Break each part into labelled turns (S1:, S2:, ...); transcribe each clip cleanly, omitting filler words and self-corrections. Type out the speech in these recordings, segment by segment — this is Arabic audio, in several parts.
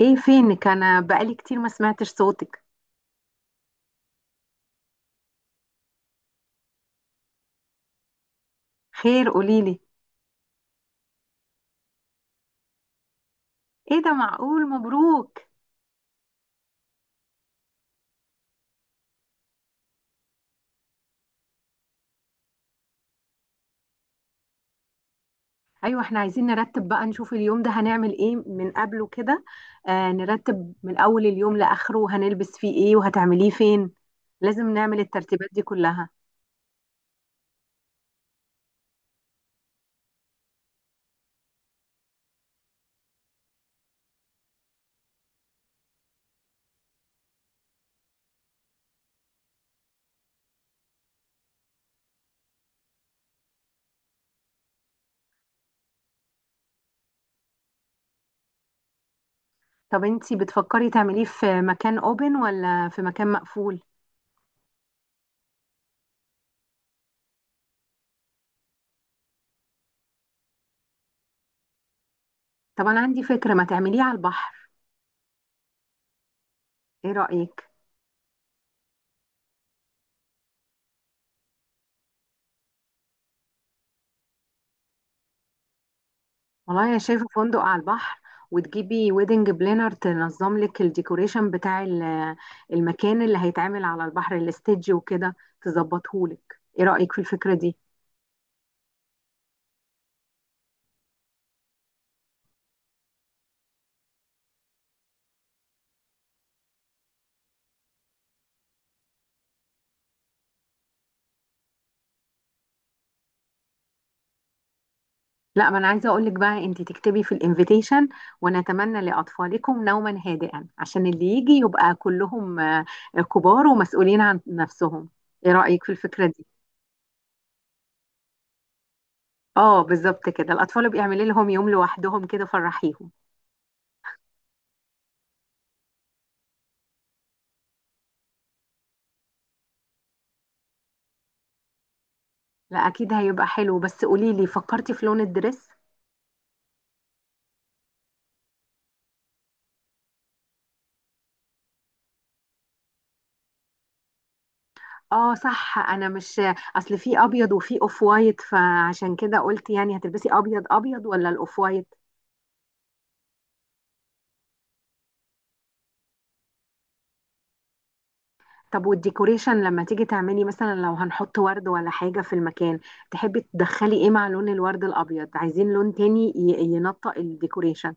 S1: ايه فينك؟ انا بقالي كتير ما سمعتش صوتك. خير، قوليلي. ايه ده؟ معقول؟ مبروك. ايوه، احنا عايزين نرتب بقى، نشوف اليوم ده هنعمل ايه من قبله كده. آه، نرتب من اول اليوم لاخره، هنلبس فيه ايه وهتعمليه فين. لازم نعمل الترتيبات دي كلها. طب انتي بتفكري تعمليه في مكان اوبن ولا في مكان مقفول؟ طب انا عندي فكرة، ما تعمليه على البحر. ايه رأيك؟ والله انا شايفه فندق على البحر. وتجيبي ويدنج بلانر تنظم لك الديكوريشن بتاع المكان اللي هيتعمل على البحر، الاستيدج وكده، تظبطه لك. ايه رايك في الفكره دي؟ لا، ما انا عايزه اقول لك بقى انت تكتبي في الانفيتيشن: ونتمنى لاطفالكم نوما هادئا، عشان اللي يجي يبقى كلهم كبار ومسؤولين عن نفسهم. ايه رايك في الفكره دي؟ اه، بالظبط كده. الاطفال بيعملي لهم يوم لوحدهم كده فرحيهم. لا، اكيد هيبقى حلو. بس قولي لي فكرتي في لون الدريس. اه، صح، انا مش، اصل في ابيض وفي اوف وايت، فعشان كده قلت يعني هتلبسي ابيض ابيض ولا الاوف وايت؟ طب والديكوريشن لما تيجي تعملي، مثلا لو هنحط ورد ولا حاجة في المكان، تحبي تدخلي ايه مع لون الورد الابيض؟ عايزين لون تاني ينطق الديكوريشن.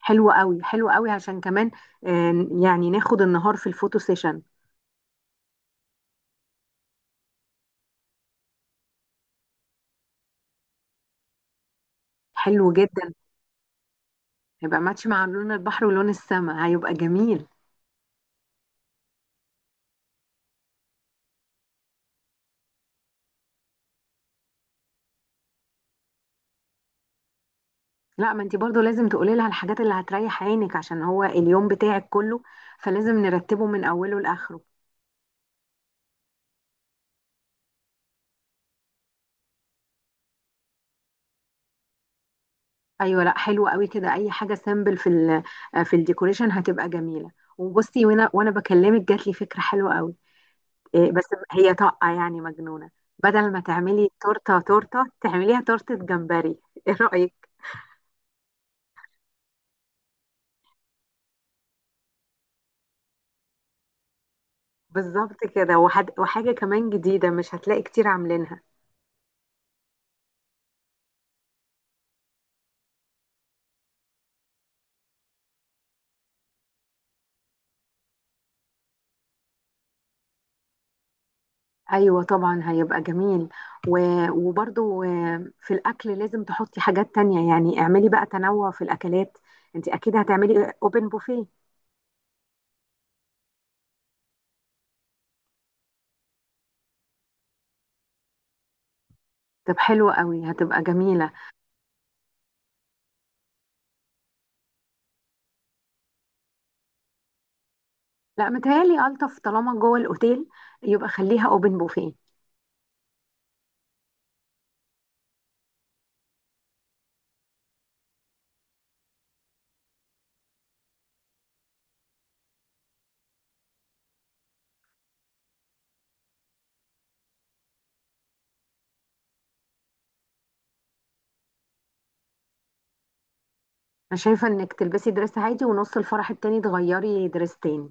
S1: حلو قوي، حلو قوي عشان كمان يعني ناخد النهار في الفوتو سيشن. حلو جدا. هيبقى ماتش مع لون البحر ولون السماء، هيبقى جميل. لا، ما انت برضو لازم تقولي لها الحاجات اللي هتريح عينك، عشان هو اليوم بتاعك كله، فلازم نرتبه من اوله لاخره. ايوه، لا حلو قوي كده، اي حاجه سامبل في ال آه، في الديكوريشن هتبقى جميله. وبصي، وانا بكلمك جات لي فكره حلوه قوي. إيه بس؟ هي طاقه يعني مجنونه. بدل ما تعملي تورته تورته، تعمليها تورته جمبري ايه رايك؟ بالظبط كده. وحاجه كمان جديده مش هتلاقي كتير عاملينها. ايوه، طبعا هيبقى جميل. وبرضو في الاكل لازم تحطي حاجات تانية، يعني اعملي بقى تنوع في الاكلات. انت اكيد هتعملي اوبن بوفيه. طب حلو قوي، هتبقى جميلة. لا، متهيألي الطف طالما جوه الاوتيل يبقى خليها اوبن بوفيه. انا شايفة انك تلبسي دريس عادي ونص الفرح التاني تغيري دريس تاني،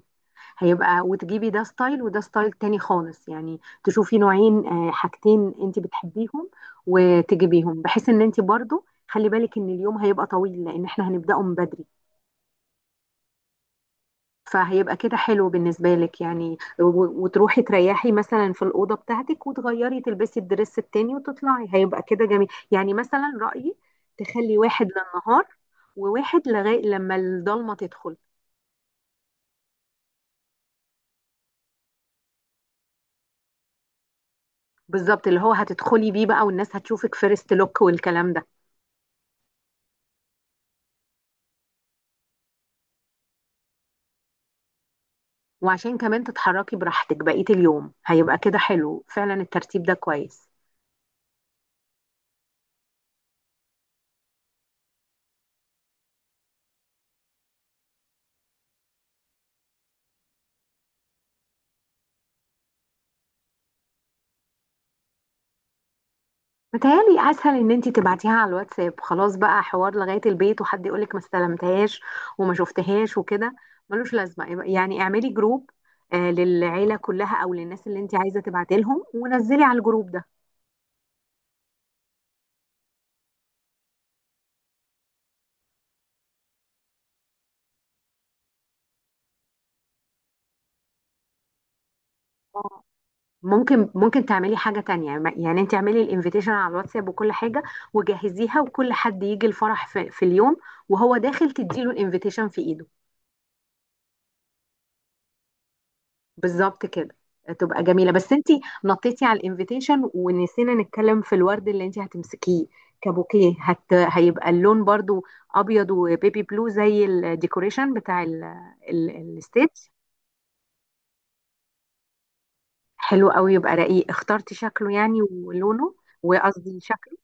S1: هيبقى وتجيبي ده ستايل وده ستايل تاني خالص، يعني تشوفي نوعين حاجتين انت بتحبيهم وتجيبيهم، بحيث ان انت برضو خلي بالك ان اليوم هيبقى طويل لان احنا هنبدأه من بدري. فهيبقى كده حلو بالنسبة لك يعني، وتروحي تريحي مثلا في الأوضة بتاعتك وتغيري تلبسي الدرس التاني وتطلعي، هيبقى كده جميل يعني، مثلا رأيي تخلي واحد للنهار، وواحد لغاية لما الضلمة تدخل. بالظبط، اللي هو هتدخلي بيه بقى والناس هتشوفك فيرست لوك والكلام ده. وعشان كمان تتحركي براحتك بقية اليوم، هيبقى كده حلو فعلا، الترتيب ده كويس. متهيألي أسهل إن أنتي تبعتيها على الواتساب، خلاص بقى حوار لغاية البيت وحد يقولك ما استلمتهاش وما شفتهاش وكده. ملوش لازمة، يعني اعملي جروب للعيلة كلها أو للناس اللي أنتي عايزة تبعتي لهم ونزلي على الجروب ده. اه. ممكن تعملي حاجة تانية. يعني انت اعملي الانفيتيشن على الواتساب وكل حاجة، وجهزيها، وكل حد يجي الفرح في اليوم وهو داخل تديله الانفيتيشن في ايده. بالظبط كده. تبقى جميلة، بس انتي نطيتي على الانفيتيشن ونسينا نتكلم في الورد اللي انتي هتمسكيه. كبوكيه، هيبقى اللون برضو ابيض وبيبي بلو زي الديكوريشن بتاع الستيج. حلو قوي، يبقى رقيق، اخترتي شكله يعني ولونه. وقصدي شكله.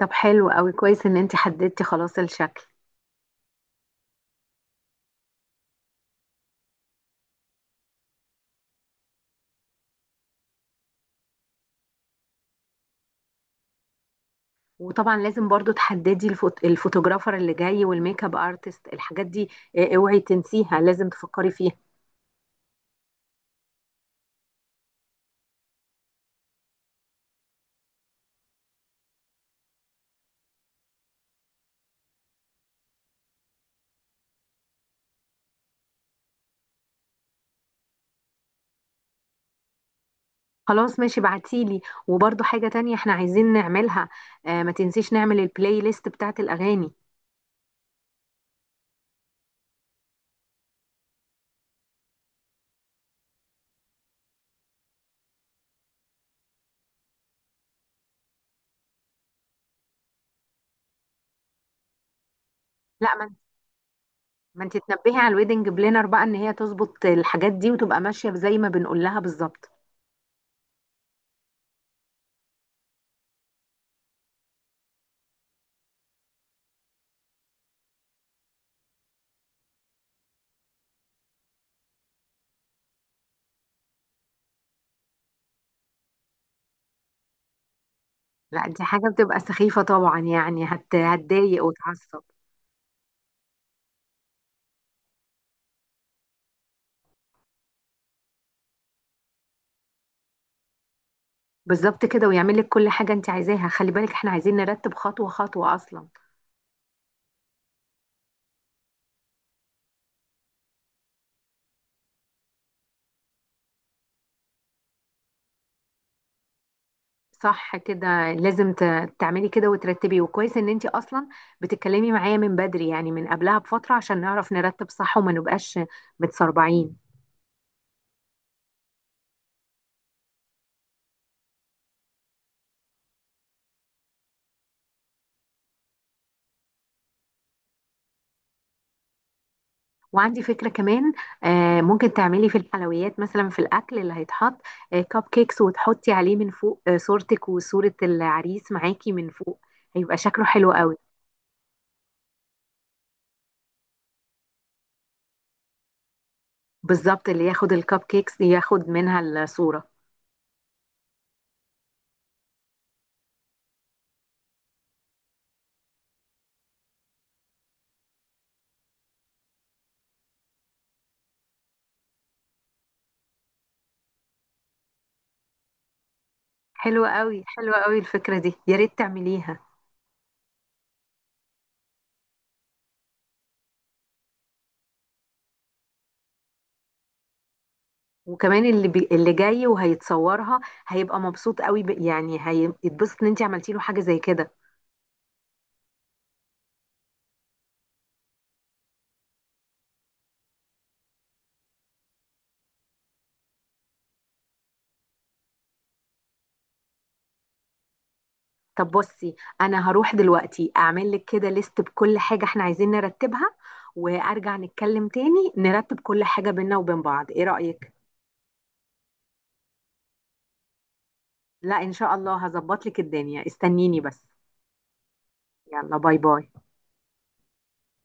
S1: طب حلو قوي، كويس ان انتي حددتي خلاص الشكل. وطبعا لازم برضو تحددي الفوتوغرافر اللي جاي والميك اب ارتست، الحاجات دي. اه، اوعي تنسيها، لازم تفكري فيها. خلاص، ماشي، بعتيلي. وبرضو حاجة تانية احنا عايزين نعملها، آه، ما تنسيش نعمل البلاي ليست بتاعت الأغاني. لا، ما انت تنبهي على الويدنج بلانر بقى ان هي تظبط الحاجات دي وتبقى ماشية زي ما بنقول لها بالظبط. لا، دي حاجة بتبقى سخيفة طبعا، يعني هتضايق وتعصب. بالظبط كده، ويعمل لك كل حاجة انت عايزاها. خلي بالك احنا عايزين نرتب خطوة خطوة أصلا. صح كده، لازم تعملي كده وترتبي، وكويس ان انتي اصلا بتتكلمي معايا من بدري يعني من قبلها بفترة عشان نعرف نرتب صح وما نبقاش متسربعين. وعندي فكرة كمان، ممكن تعملي في الحلويات مثلا، في الاكل اللي هيتحط كب كيكس وتحطي عليه من فوق صورتك وصورة العريس معاكي من فوق، هيبقى شكله حلو قوي. بالظبط، اللي ياخد الكب كيكس ياخد منها الصورة. حلوة قوي، حلوة قوي الفكرة دي، يا ريت تعمليها. وكمان اللي جاي وهيتصورها هيبقى مبسوط قوي، يعني هيتبسط ان انت عملتي له حاجه زي كده. طب بصي، انا هروح دلوقتي اعمل لك كده ليست بكل حاجه احنا عايزين نرتبها، وارجع نتكلم تاني نرتب كل حاجه بينا وبين بعض. ايه رايك؟ لا، ان شاء الله هظبط لك الدنيا، استنيني بس. يلا، باي باي.